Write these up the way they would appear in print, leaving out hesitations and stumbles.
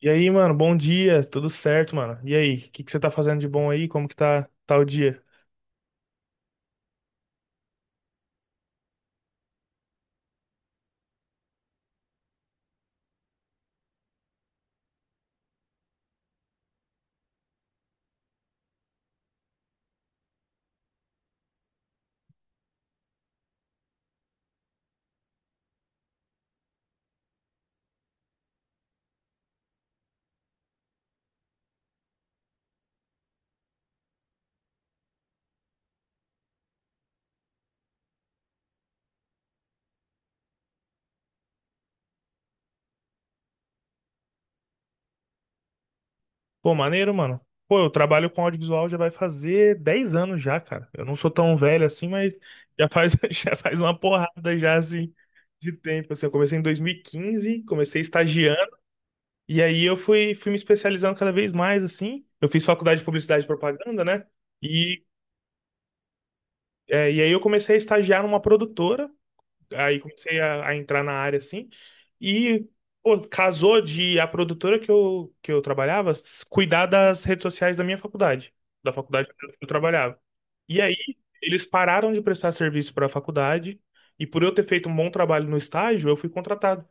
E aí, mano, bom dia, tudo certo, mano? E aí, o que que você tá fazendo de bom aí? Como que tá o dia? Pô, maneiro, mano. Pô, eu trabalho com audiovisual já vai fazer 10 anos já, cara. Eu não sou tão velho assim, mas já faz, já faz uma porrada já, assim, de tempo. Assim, eu comecei em 2015, comecei estagiando, e aí eu fui me especializando cada vez mais, assim. Eu fiz faculdade de publicidade e propaganda, né? E, e aí eu comecei a estagiar numa produtora. Aí comecei a entrar na área assim. E, pô, casou de a produtora que eu trabalhava cuidar das redes sociais da minha faculdade, da faculdade que eu trabalhava. E aí eles pararam de prestar serviço para a faculdade. E por eu ter feito um bom trabalho no estágio, eu fui contratado.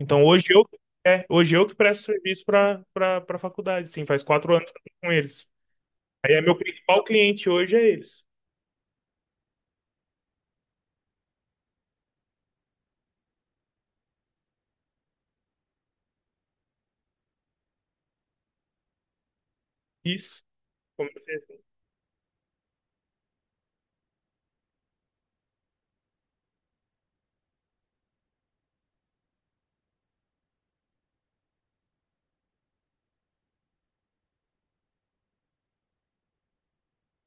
Então hoje eu que presto serviço para a faculdade. Sim, faz 4 anos que eu tô com eles. Aí é meu principal cliente hoje é eles. Isso. Comecei.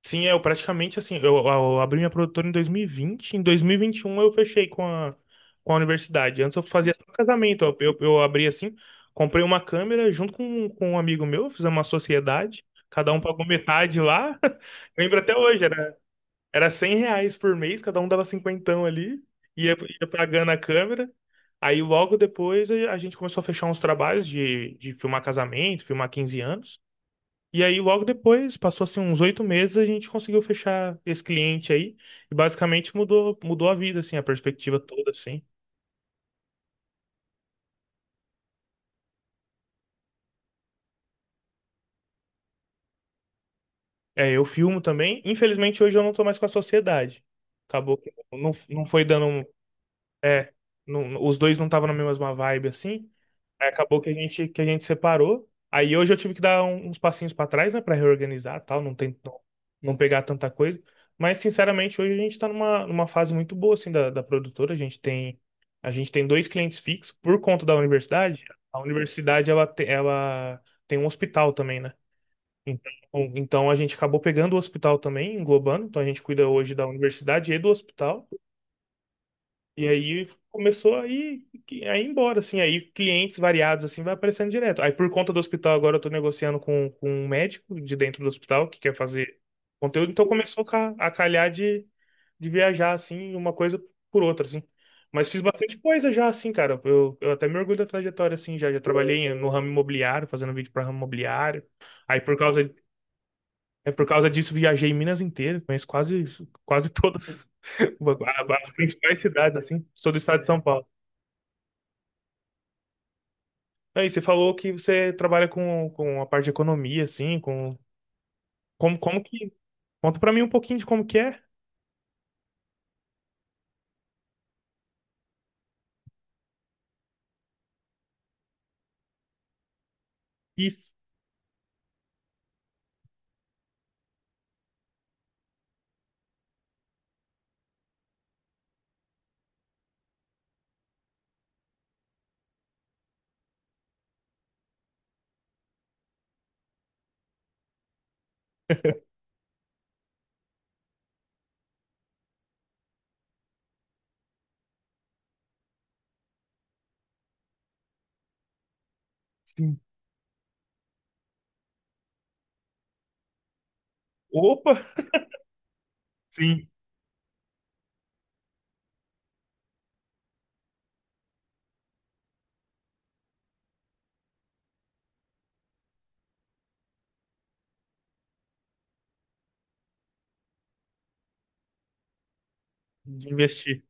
Sim, eu praticamente assim, eu abri minha produtora em 2020, em dois mil e vinte e um eu fechei com a universidade. Antes eu fazia só casamento, eu abri assim, comprei uma câmera junto com um amigo meu, fizemos uma sociedade, cada um pagou metade lá. Lembro até hoje, era R$ 100 por mês, cada um dava cinquentão ali, ia pagando a câmera. Aí logo depois a gente começou a fechar uns trabalhos de filmar casamento, filmar 15 anos. E aí, logo depois, passou assim uns 8 meses, a gente conseguiu fechar esse cliente aí. E basicamente mudou, mudou a vida, assim, a perspectiva toda, assim. É, eu filmo também. Infelizmente, hoje eu não tô mais com a sociedade. Acabou que não, não foi dando. É, os dois não estavam na mesma vibe, assim. Aí acabou que a gente separou. Aí hoje eu tive que dar uns passinhos pra trás, né, pra reorganizar, e tal, não tem não, não pegar tanta coisa. Mas sinceramente, hoje a gente tá numa, numa fase muito boa assim da, da produtora. A gente tem dois clientes fixos por conta da universidade. A universidade ela tem um hospital também, né? Então, então, a gente acabou pegando o hospital também, englobando. Então a gente cuida hoje da universidade e do hospital. E aí começou a ir embora, assim. Aí clientes variados, assim, vai aparecendo direto. Aí por conta do hospital, agora eu tô negociando com um médico de dentro do hospital que quer fazer conteúdo. Então começou a calhar de viajar, assim, uma coisa por outra, assim. Mas fiz bastante coisa já, assim, cara. Eu até me orgulho da trajetória, assim, já. Já trabalhei no ramo imobiliário, fazendo vídeo para ramo imobiliário. Aí por causa disso viajei Minas inteira, conheço quase, quase todas as principais cidades, assim. Sou do estado de São Paulo. Aí você falou que você trabalha com a parte de economia, assim, com como que. Conta pra mim um pouquinho de como que é. Isso. Sim. Opa! Sim, de investir.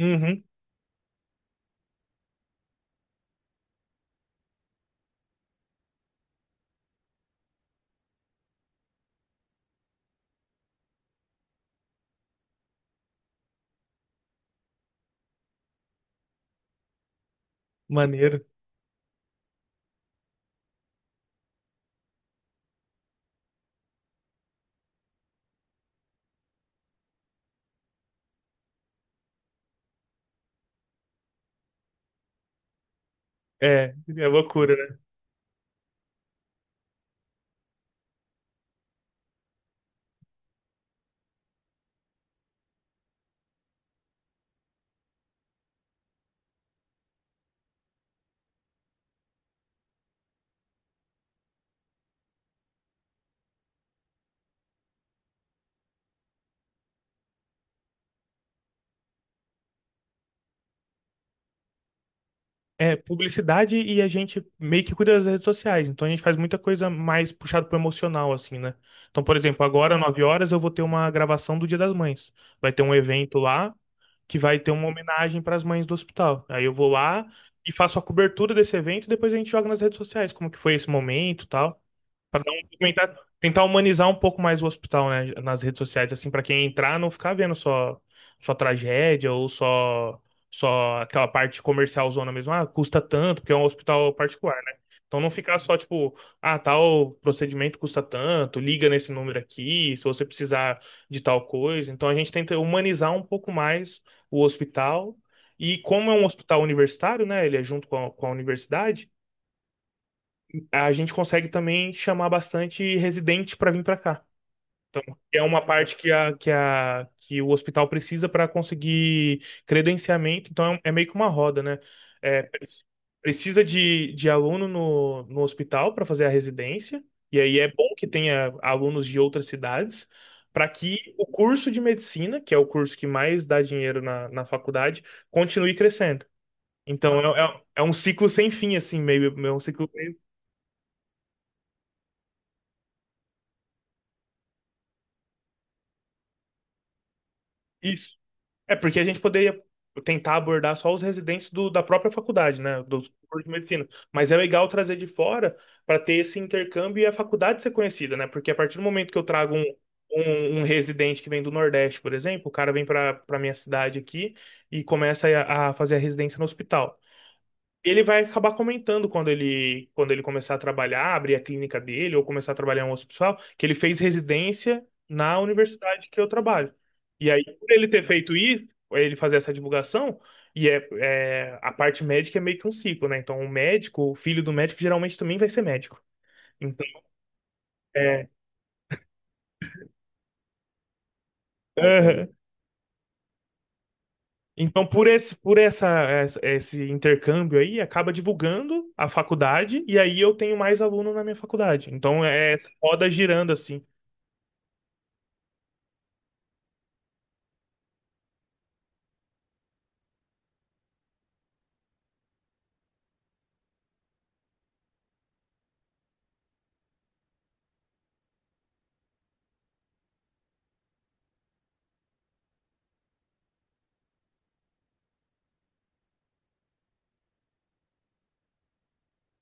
Uhum, maneiro. É, é loucura, né? É publicidade e a gente meio que cuida das redes sociais. Então a gente faz muita coisa mais puxada pro emocional, assim, né? Então, por exemplo, agora, 9 horas, eu vou ter uma gravação do Dia das Mães. Vai ter um evento lá que vai ter uma homenagem para as mães do hospital. Aí eu vou lá e faço a cobertura desse evento e depois a gente joga nas redes sociais, como que foi esse momento, e tal. Pra não tentar humanizar um pouco mais o hospital, né, nas redes sociais, assim, pra quem entrar não ficar vendo só tragédia ou só aquela parte comercial zona mesmo, ah, custa tanto, porque é um hospital particular, né? Então não ficar só tipo, ah, tal procedimento custa tanto, liga nesse número aqui, se você precisar de tal coisa. Então a gente tenta humanizar um pouco mais o hospital. E como é um hospital universitário, né? Ele é junto com a universidade, a gente consegue também chamar bastante residente para vir para cá. Então, é uma parte que o hospital precisa para conseguir credenciamento, então é meio que uma roda, né? É, precisa de aluno no hospital para fazer a residência, e aí é bom que tenha alunos de outras cidades, para que o curso de medicina, que é o curso que mais dá dinheiro na faculdade, continue crescendo. Então, é, é, é um ciclo sem fim, assim, meio, é um ciclo meio. Isso. É porque a gente poderia tentar abordar só os residentes da própria faculdade, né? Dos cursos de medicina. Mas é legal trazer de fora para ter esse intercâmbio e a faculdade ser conhecida, né? Porque a partir do momento que eu trago um residente que vem do Nordeste, por exemplo, o cara vem para minha cidade aqui e começa a fazer a residência no hospital. Ele vai acabar comentando quando ele começar a trabalhar, abrir a clínica dele ou começar a trabalhar em um hospital, que ele fez residência na universidade que eu trabalho. E aí, por ele ter feito isso, ele fazer essa divulgação, e a parte médica é meio que um ciclo, né? Então, o médico, o filho do médico geralmente também vai ser médico. Então, é, aham. Então, por esse intercâmbio aí, acaba divulgando a faculdade, e aí eu tenho mais aluno na minha faculdade. Então, é essa roda girando, assim.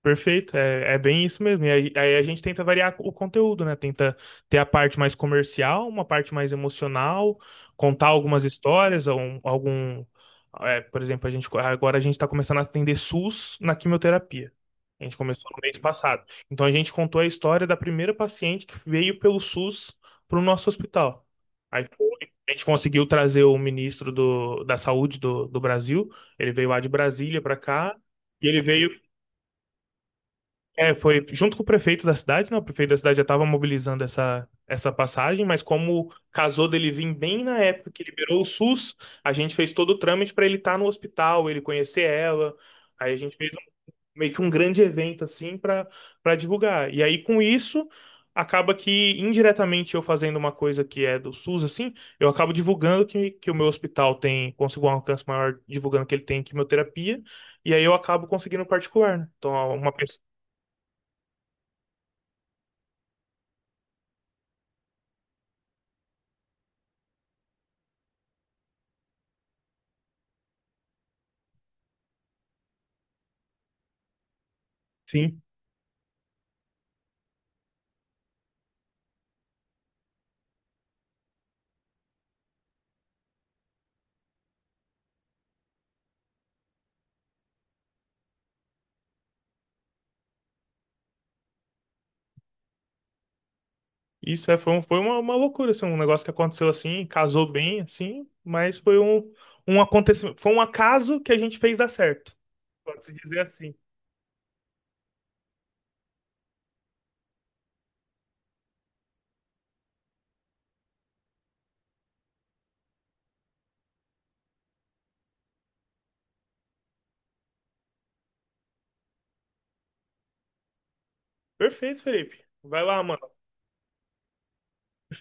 Perfeito, é bem isso mesmo. E aí, a gente tenta variar o conteúdo, né? Tenta ter a parte mais comercial, uma parte mais emocional, contar algumas histórias, algum por exemplo, a gente agora a gente está começando a atender SUS na quimioterapia. A gente começou no mês passado. Então a gente contou a história da primeira paciente que veio pelo SUS para o nosso hospital. Aí foi, a gente conseguiu trazer o ministro da Saúde do Brasil. Ele veio lá de Brasília para cá. E ele foi junto com o prefeito da cidade, né? O prefeito da cidade já estava mobilizando essa passagem, mas como casou dele vir bem na época que liberou o SUS, a gente fez todo o trâmite para ele estar no hospital, ele conhecer ela. Aí a gente fez meio que um grande evento assim para divulgar. E aí com isso acaba que indiretamente eu fazendo uma coisa que é do SUS assim, eu acabo divulgando que o meu hospital tem conseguiu um alcance maior, divulgando que ele tem quimioterapia, e aí eu acabo conseguindo particular, né? Então uma pessoa. Isso foi uma loucura, assim, um negócio que aconteceu assim, casou bem, assim, mas foi um acontecimento, foi um acaso que a gente fez dar certo, pode-se dizer assim. Perfeito, Felipe. Vai lá, mano.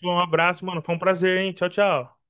Um abraço, mano. Foi um prazer, hein? Tchau, tchau.